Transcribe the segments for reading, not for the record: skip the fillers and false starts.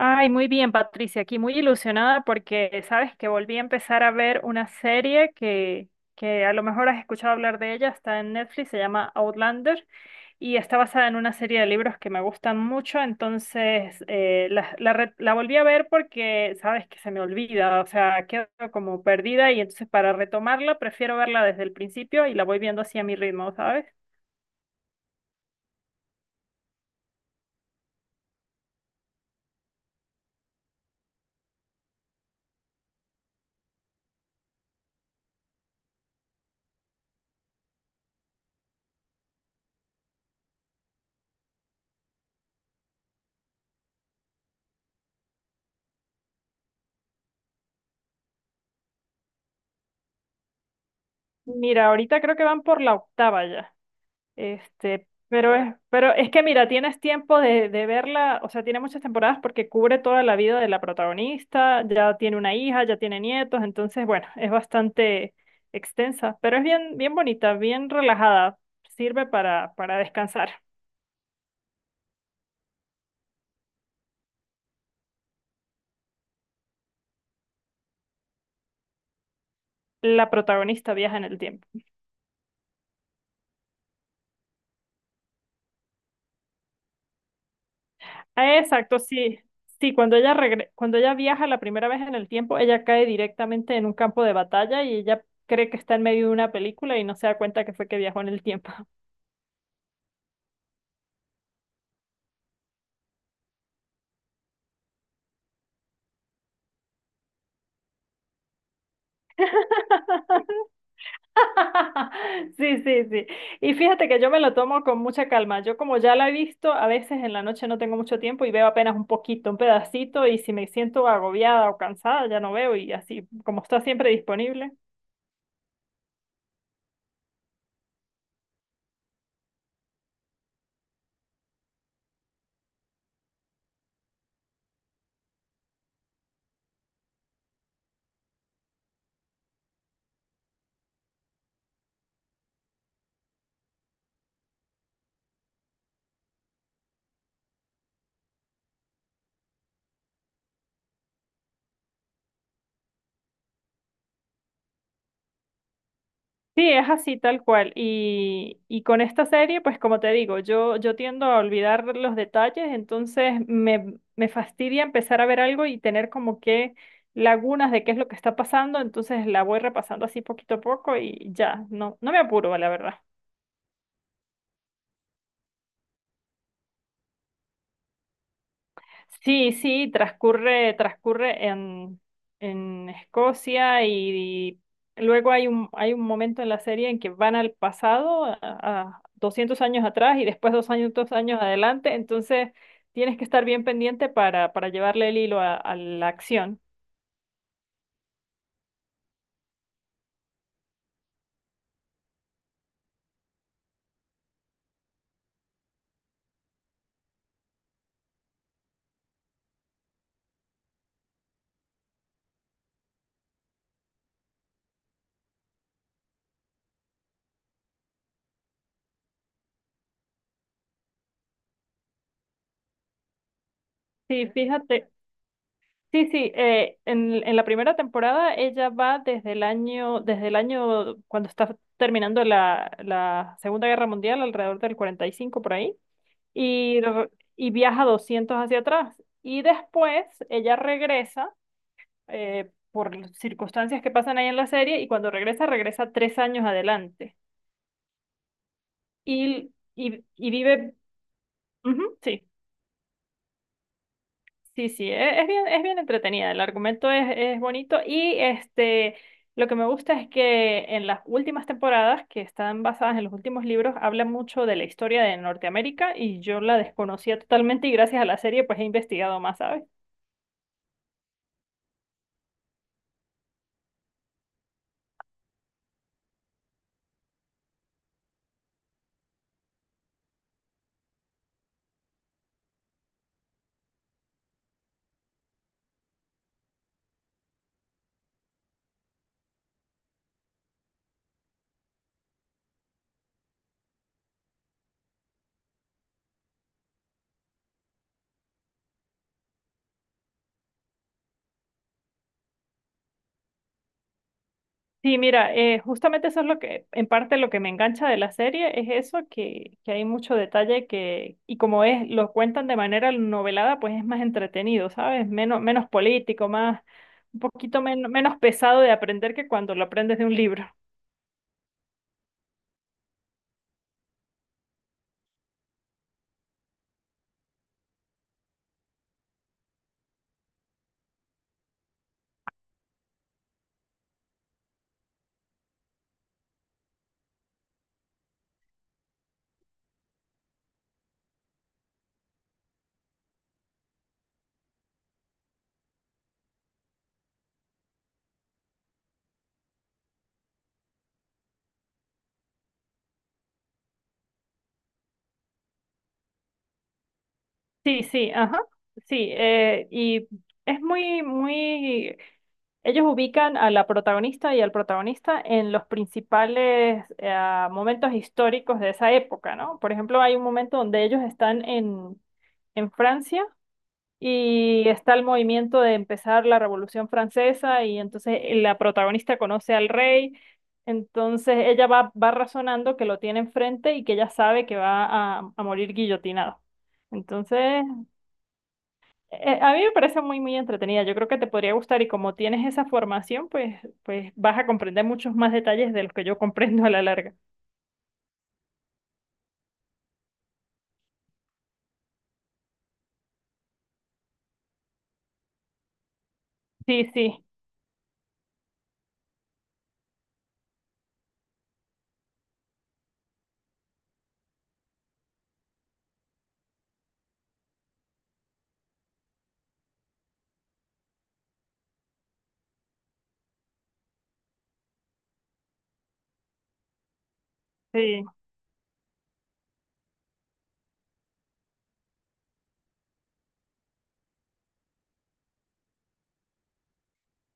Ay, muy bien, Patricia, aquí muy ilusionada porque sabes que volví a empezar a ver una serie que a lo mejor has escuchado hablar de ella. Está en Netflix, se llama Outlander y está basada en una serie de libros que me gustan mucho. Entonces la volví a ver porque sabes que se me olvida, o sea, quedo como perdida. Y entonces para retomarla prefiero verla desde el principio y la voy viendo así a mi ritmo, ¿sabes? Mira, ahorita creo que van por la octava ya. Pero es que mira, tienes tiempo de verla, o sea, tiene muchas temporadas porque cubre toda la vida de la protagonista, ya tiene una hija, ya tiene nietos. Entonces, bueno, es bastante extensa, pero es bien, bien bonita, bien relajada, sirve para descansar. La protagonista viaja en el tiempo. Ah, exacto, sí. Sí, cuando ella viaja la primera vez en el tiempo, ella cae directamente en un campo de batalla y ella cree que está en medio de una película y no se da cuenta que fue que viajó en el tiempo. Sí, sí, sí. Y fíjate que yo me lo tomo con mucha calma. Yo como ya la he visto, a veces en la noche no tengo mucho tiempo y veo apenas un poquito, un pedacito, y si me siento agobiada o cansada, ya no veo y así, como está siempre disponible. Sí, es así tal cual. Y con esta serie, pues como te digo, yo tiendo a olvidar los detalles. Entonces me fastidia empezar a ver algo y tener como que lagunas de qué es lo que está pasando. Entonces la voy repasando así poquito a poco y ya, no, no me apuro, la verdad. Sí, sí, transcurre en Escocia y luego hay un momento en la serie en que van al pasado, a 200 años atrás y después 200 años adelante. Entonces tienes que estar bien pendiente para llevarle el hilo a la acción. Sí, fíjate. Sí, sí, en la primera temporada ella va desde el año cuando está terminando la Segunda Guerra Mundial, alrededor del 45 por ahí. Y, r- y viaja 200 hacia atrás. Y después ella regresa por circunstancias que pasan ahí en la serie, y cuando regresa, regresa 3 años adelante. Y vive... Ujú, sí, sí, sí, es bien entretenida. El argumento es bonito y lo que me gusta es que en las últimas temporadas, que están basadas en los últimos libros, habla mucho de la historia de Norteamérica y yo la desconocía totalmente, y gracias a la serie pues he investigado más, ¿sabes? Sí, mira, justamente eso es lo que, en parte lo que me engancha de la serie, es eso, que hay mucho detalle que, y como es, lo cuentan de manera novelada, pues es más entretenido, ¿sabes? Menos, menos político, más, un poquito menos pesado de aprender que cuando lo aprendes de un libro. Sí, sí, ajá, sí, y es muy, muy... Ellos ubican a la protagonista y al protagonista en los principales momentos históricos de esa época, ¿no? Por ejemplo, hay un momento donde ellos están en Francia y está el movimiento de empezar la Revolución Francesa, y entonces la protagonista conoce al rey. Entonces ella va razonando que lo tiene enfrente y que ella sabe que va a morir guillotinado. Entonces a mí me parece muy, muy entretenida. Yo creo que te podría gustar y como tienes esa formación, pues, pues vas a comprender muchos más detalles de los que yo comprendo a la larga. Sí, sí, sí.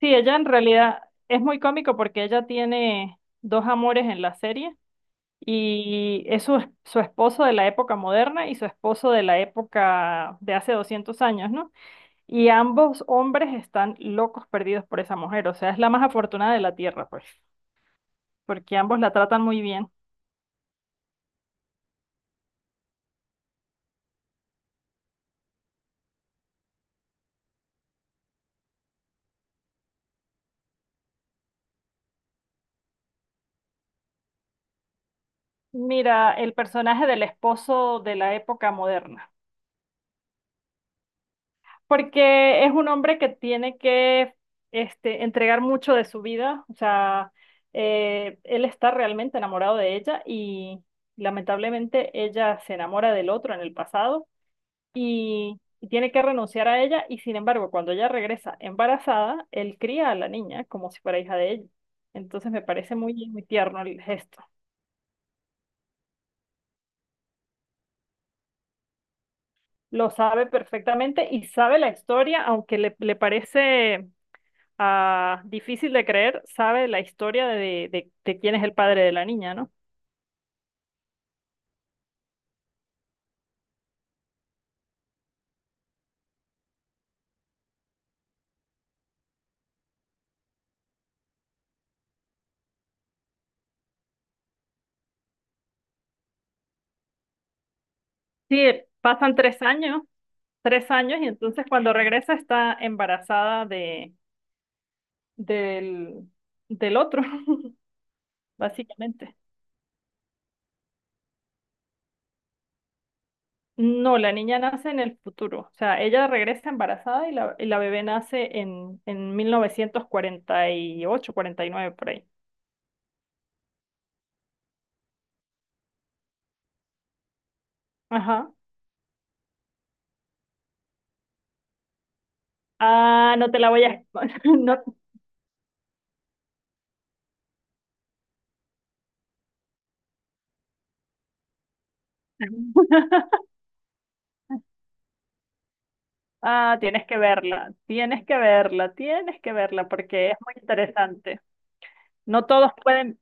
Sí, ella en realidad es muy cómico porque ella tiene dos amores en la serie, y es su esposo de la época moderna y su esposo de la época de hace 200 años, ¿no? Y ambos hombres están locos perdidos por esa mujer. O sea, es la más afortunada de la tierra, pues, porque ambos la tratan muy bien. Mira, el personaje del esposo de la época moderna, porque es un hombre que tiene que entregar mucho de su vida, o sea, él está realmente enamorado de ella y lamentablemente ella se enamora del otro en el pasado, y tiene que renunciar a ella. Y sin embargo, cuando ella regresa embarazada, él cría a la niña como si fuera hija de ella. Entonces me parece muy, muy tierno el gesto. Lo sabe perfectamente y sabe la historia, aunque le parece difícil de creer. Sabe la historia de quién es el padre de la niña, ¿no? Sí, pasan 3 años, 3 años. Y entonces cuando regresa está embarazada del, del otro, básicamente. No, la niña nace en el futuro, o sea, ella regresa embarazada, y la bebé nace en 1940, 1948, 1949 por ahí. Ajá. Ah, no te la voy a... No, ah, tienes que verla, tienes que verla, tienes que verla porque es muy interesante. No todos pueden,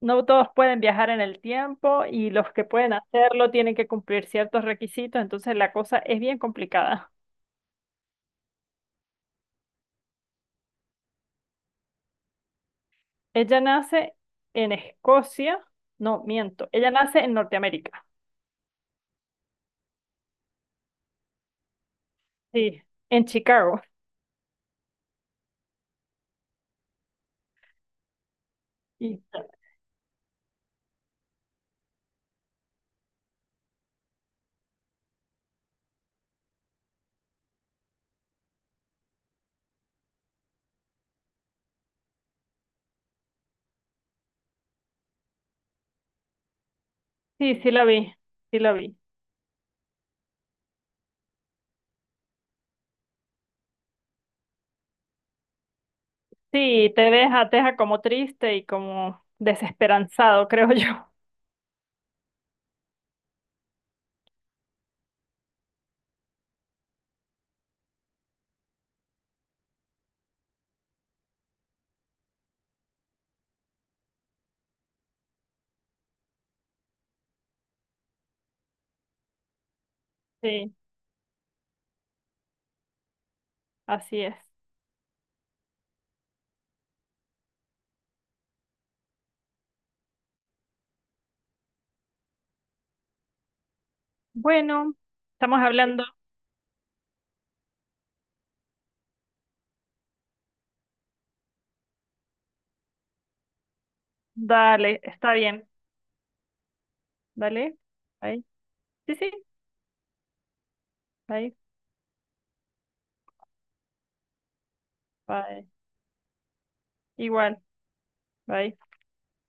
no todos pueden viajar en el tiempo, y los que pueden hacerlo tienen que cumplir ciertos requisitos. Entonces la cosa es bien complicada. Ella nace en Escocia, no, miento, ella nace en Norteamérica, sí, en Chicago. Y sí, sí la vi, sí la vi. Sí, te deja como triste y como desesperanzado, creo yo. Sí, así es. Bueno, estamos hablando. Dale, está bien. Dale. Bye. Sí, sí. Bye. Bye. Igual. Bye.